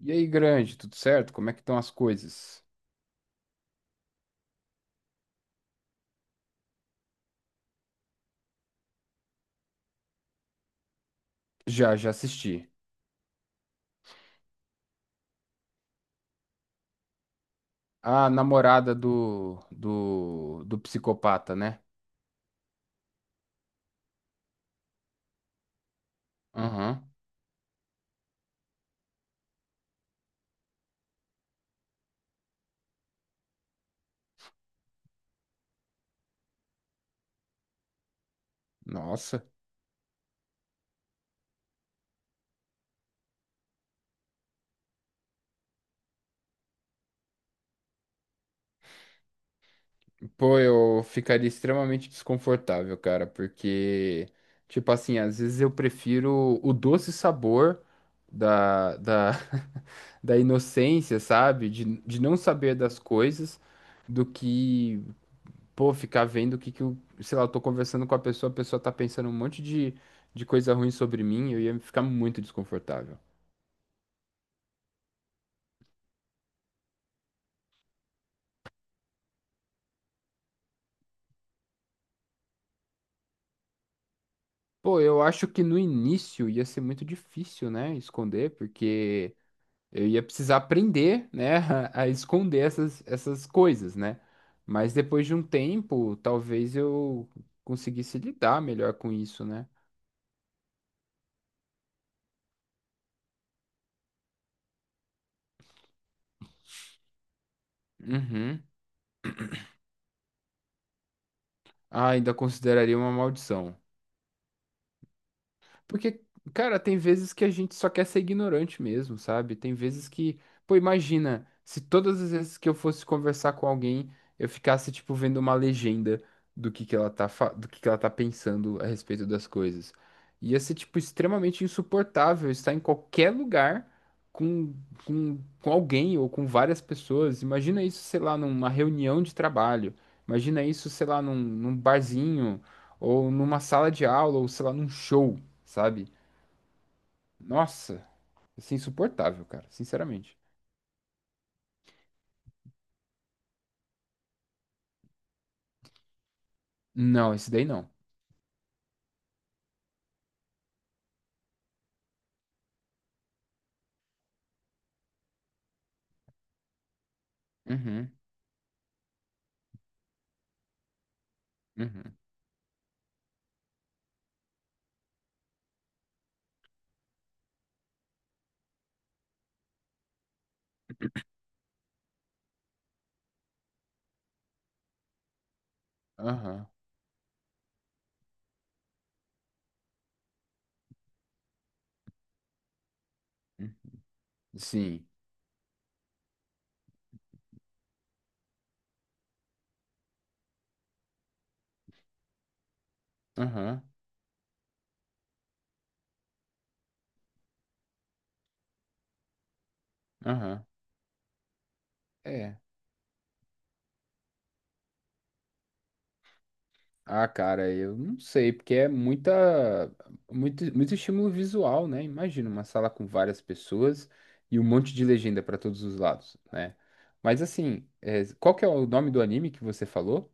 E aí, grande, tudo certo? Como é que estão as coisas? Já, já assisti. A namorada do psicopata, né? Aham. Nossa. Pô, eu ficaria extremamente desconfortável, cara, porque, tipo assim, às vezes eu prefiro o doce sabor da, da, da inocência, sabe? De não saber das coisas, do que pô, ficar vendo o que que eu, sei lá, eu tô conversando com a pessoa tá pensando um monte de coisa ruim sobre mim, eu ia ficar muito desconfortável. Pô, eu acho que no início ia ser muito difícil, né, esconder, porque eu ia precisar aprender, né, a esconder essas coisas, né? Mas depois de um tempo, talvez eu conseguisse lidar melhor com isso, né? Uhum. Ah, ainda consideraria uma maldição. Porque, cara, tem vezes que a gente só quer ser ignorante mesmo, sabe? Tem vezes que, pô, imagina, se todas as vezes que eu fosse conversar com alguém, eu ficasse, tipo, vendo uma legenda do que ela tá, do que ela tá pensando a respeito das coisas. Ia ser, tipo, extremamente insuportável estar em qualquer lugar com, com alguém ou com várias pessoas. Imagina isso, sei lá, numa reunião de trabalho. Imagina isso, sei lá, num barzinho ou numa sala de aula, ou sei lá, num show, sabe? Nossa, isso é insuportável, cara, sinceramente. Não, esse daí não. Uhum. Uhum. Aham. Hum. Sim. Aham. Aham. É. Ah, cara, eu não sei, porque é muita, muito, muito estímulo visual, né? Imagina uma sala com várias pessoas e um monte de legenda para todos os lados, né? Mas assim, qual que é o nome do anime que você falou?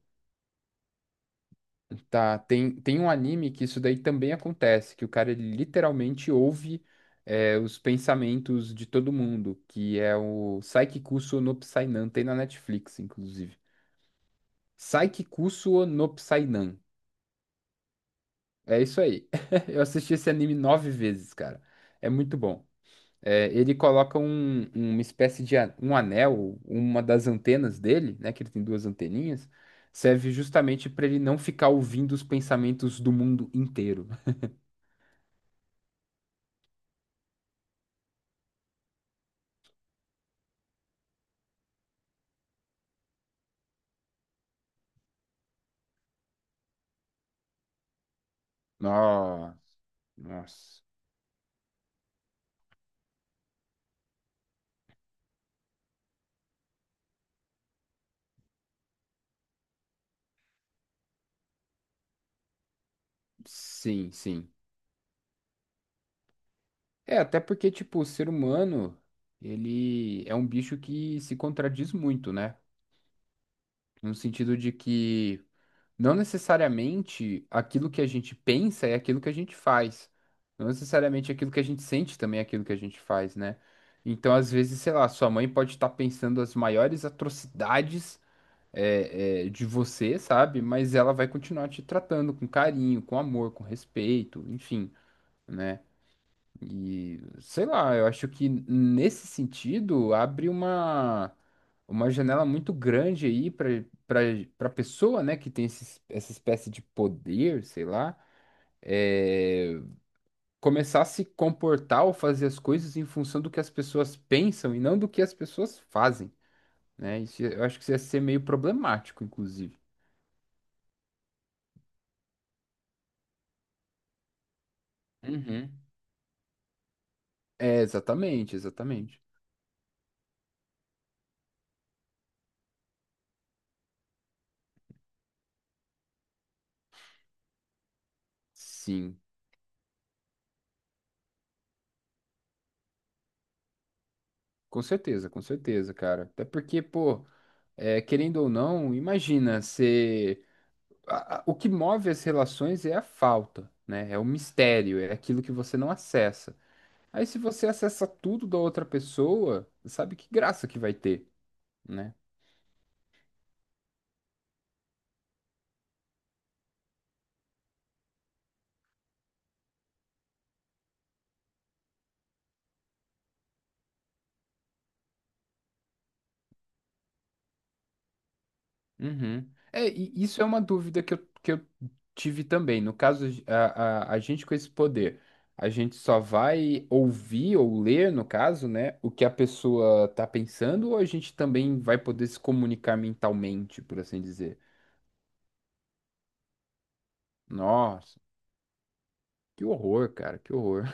Tá, tem um anime que isso daí também acontece, que o cara ele literalmente ouve os pensamentos de todo mundo, que é o Saiki Kusuo no Psainan, tem na Netflix, inclusive. Saiki Kusuo no Psainan. É isso aí. Eu assisti esse anime nove vezes, cara. É muito bom. É, ele coloca uma espécie de um anel, uma das antenas dele, né, que ele tem duas anteninhas, serve justamente para ele não ficar ouvindo os pensamentos do mundo inteiro. Nossa, nossa. Sim, sim. É, até porque, tipo, o ser humano, ele é um bicho que se contradiz muito, né? No sentido de que não necessariamente aquilo que a gente pensa é aquilo que a gente faz. Não necessariamente aquilo que a gente sente também é aquilo que a gente faz, né? Então, às vezes, sei lá, sua mãe pode estar pensando as maiores atrocidades de você, sabe? Mas ela vai continuar te tratando com carinho, com amor, com respeito, enfim. Né? E sei lá, eu acho que nesse sentido abre uma janela muito grande aí para pessoa, né, que tem essa espécie de poder, sei lá, é, começar a se comportar ou fazer as coisas em função do que as pessoas pensam e não do que as pessoas fazem, né? Isso, eu acho que isso ia ser meio problemático, inclusive. Uhum. É, exatamente, exatamente. Sim, com certeza, cara. Até porque, pô. É, querendo ou não, imagina, você. O que move as relações é a falta, né? É o mistério, é aquilo que você não acessa. Aí, se você acessa tudo da outra pessoa, sabe que graça que vai ter, né? Uhum. É, e isso é uma dúvida que eu tive também. No caso, a gente com esse poder, a gente só vai ouvir ou ler, no caso, né, o que a pessoa tá pensando, ou a gente também vai poder se comunicar mentalmente, por assim dizer? Nossa, que horror, cara, que horror.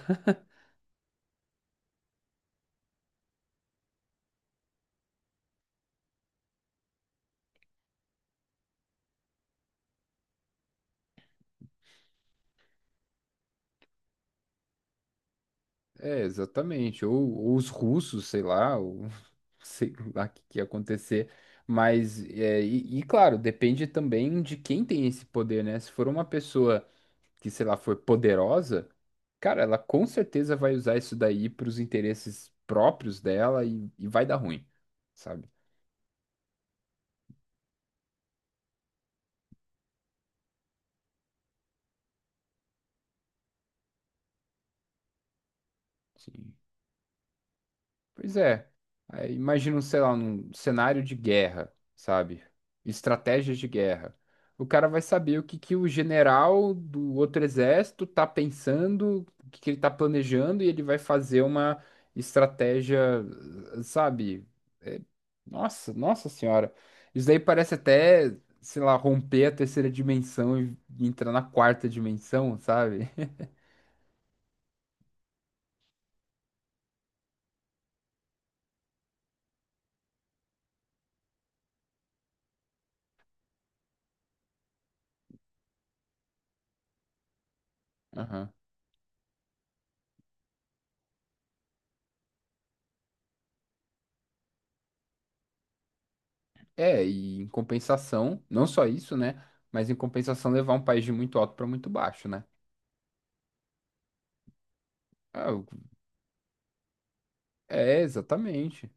É, exatamente. Ou os russos, sei lá, ou sei lá o que, que ia acontecer. Mas, e, claro, depende também de quem tem esse poder, né? Se for uma pessoa que, sei lá, for poderosa, cara, ela com certeza vai usar isso daí para os interesses próprios dela e vai dar ruim, sabe? Sim. Pois é. Aí, imagina, um, sei lá, um cenário de guerra, sabe? Estratégias de guerra. O cara vai saber o que que o general do outro exército tá pensando, o que que ele tá planejando, e ele vai fazer uma estratégia, sabe? É, nossa, nossa senhora. Isso daí parece até, sei lá, romper a terceira dimensão e entrar na quarta dimensão, sabe? Aham. É, e em compensação, não só isso, né? Mas em compensação levar um país de muito alto para muito baixo, né? Ah. É, exatamente.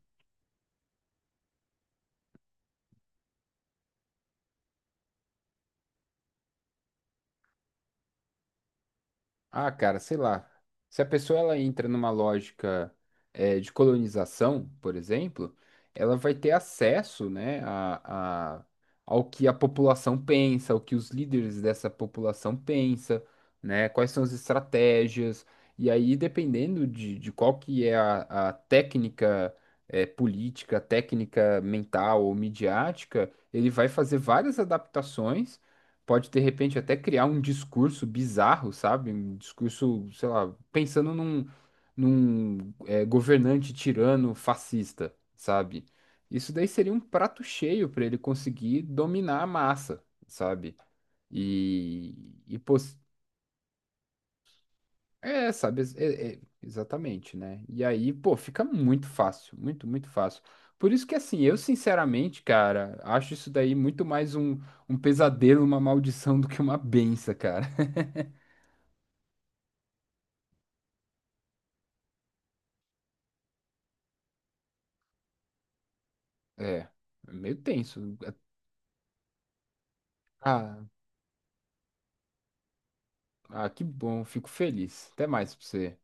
Ah, cara, sei lá. Se a pessoa ela entra numa lógica de colonização, por exemplo, ela vai ter acesso, né, ao que a população pensa, ao que os líderes dessa população pensa, né, quais são as estratégias. E aí, dependendo de qual que é a técnica política, técnica mental ou midiática, ele vai fazer várias adaptações, pode de repente até criar um discurso bizarro, sabe? Um discurso, sei lá, pensando num governante tirano fascista, sabe? Isso daí seria um prato cheio para ele conseguir dominar a massa, sabe? E, e pô, sabe? Exatamente, né? E aí, pô, fica muito fácil, muito, muito fácil. Por isso que, assim, eu sinceramente, cara, acho isso daí muito mais um pesadelo, uma maldição do que uma benção, cara. É, é meio tenso. Ah, ah, que bom, fico feliz. Até mais pra você.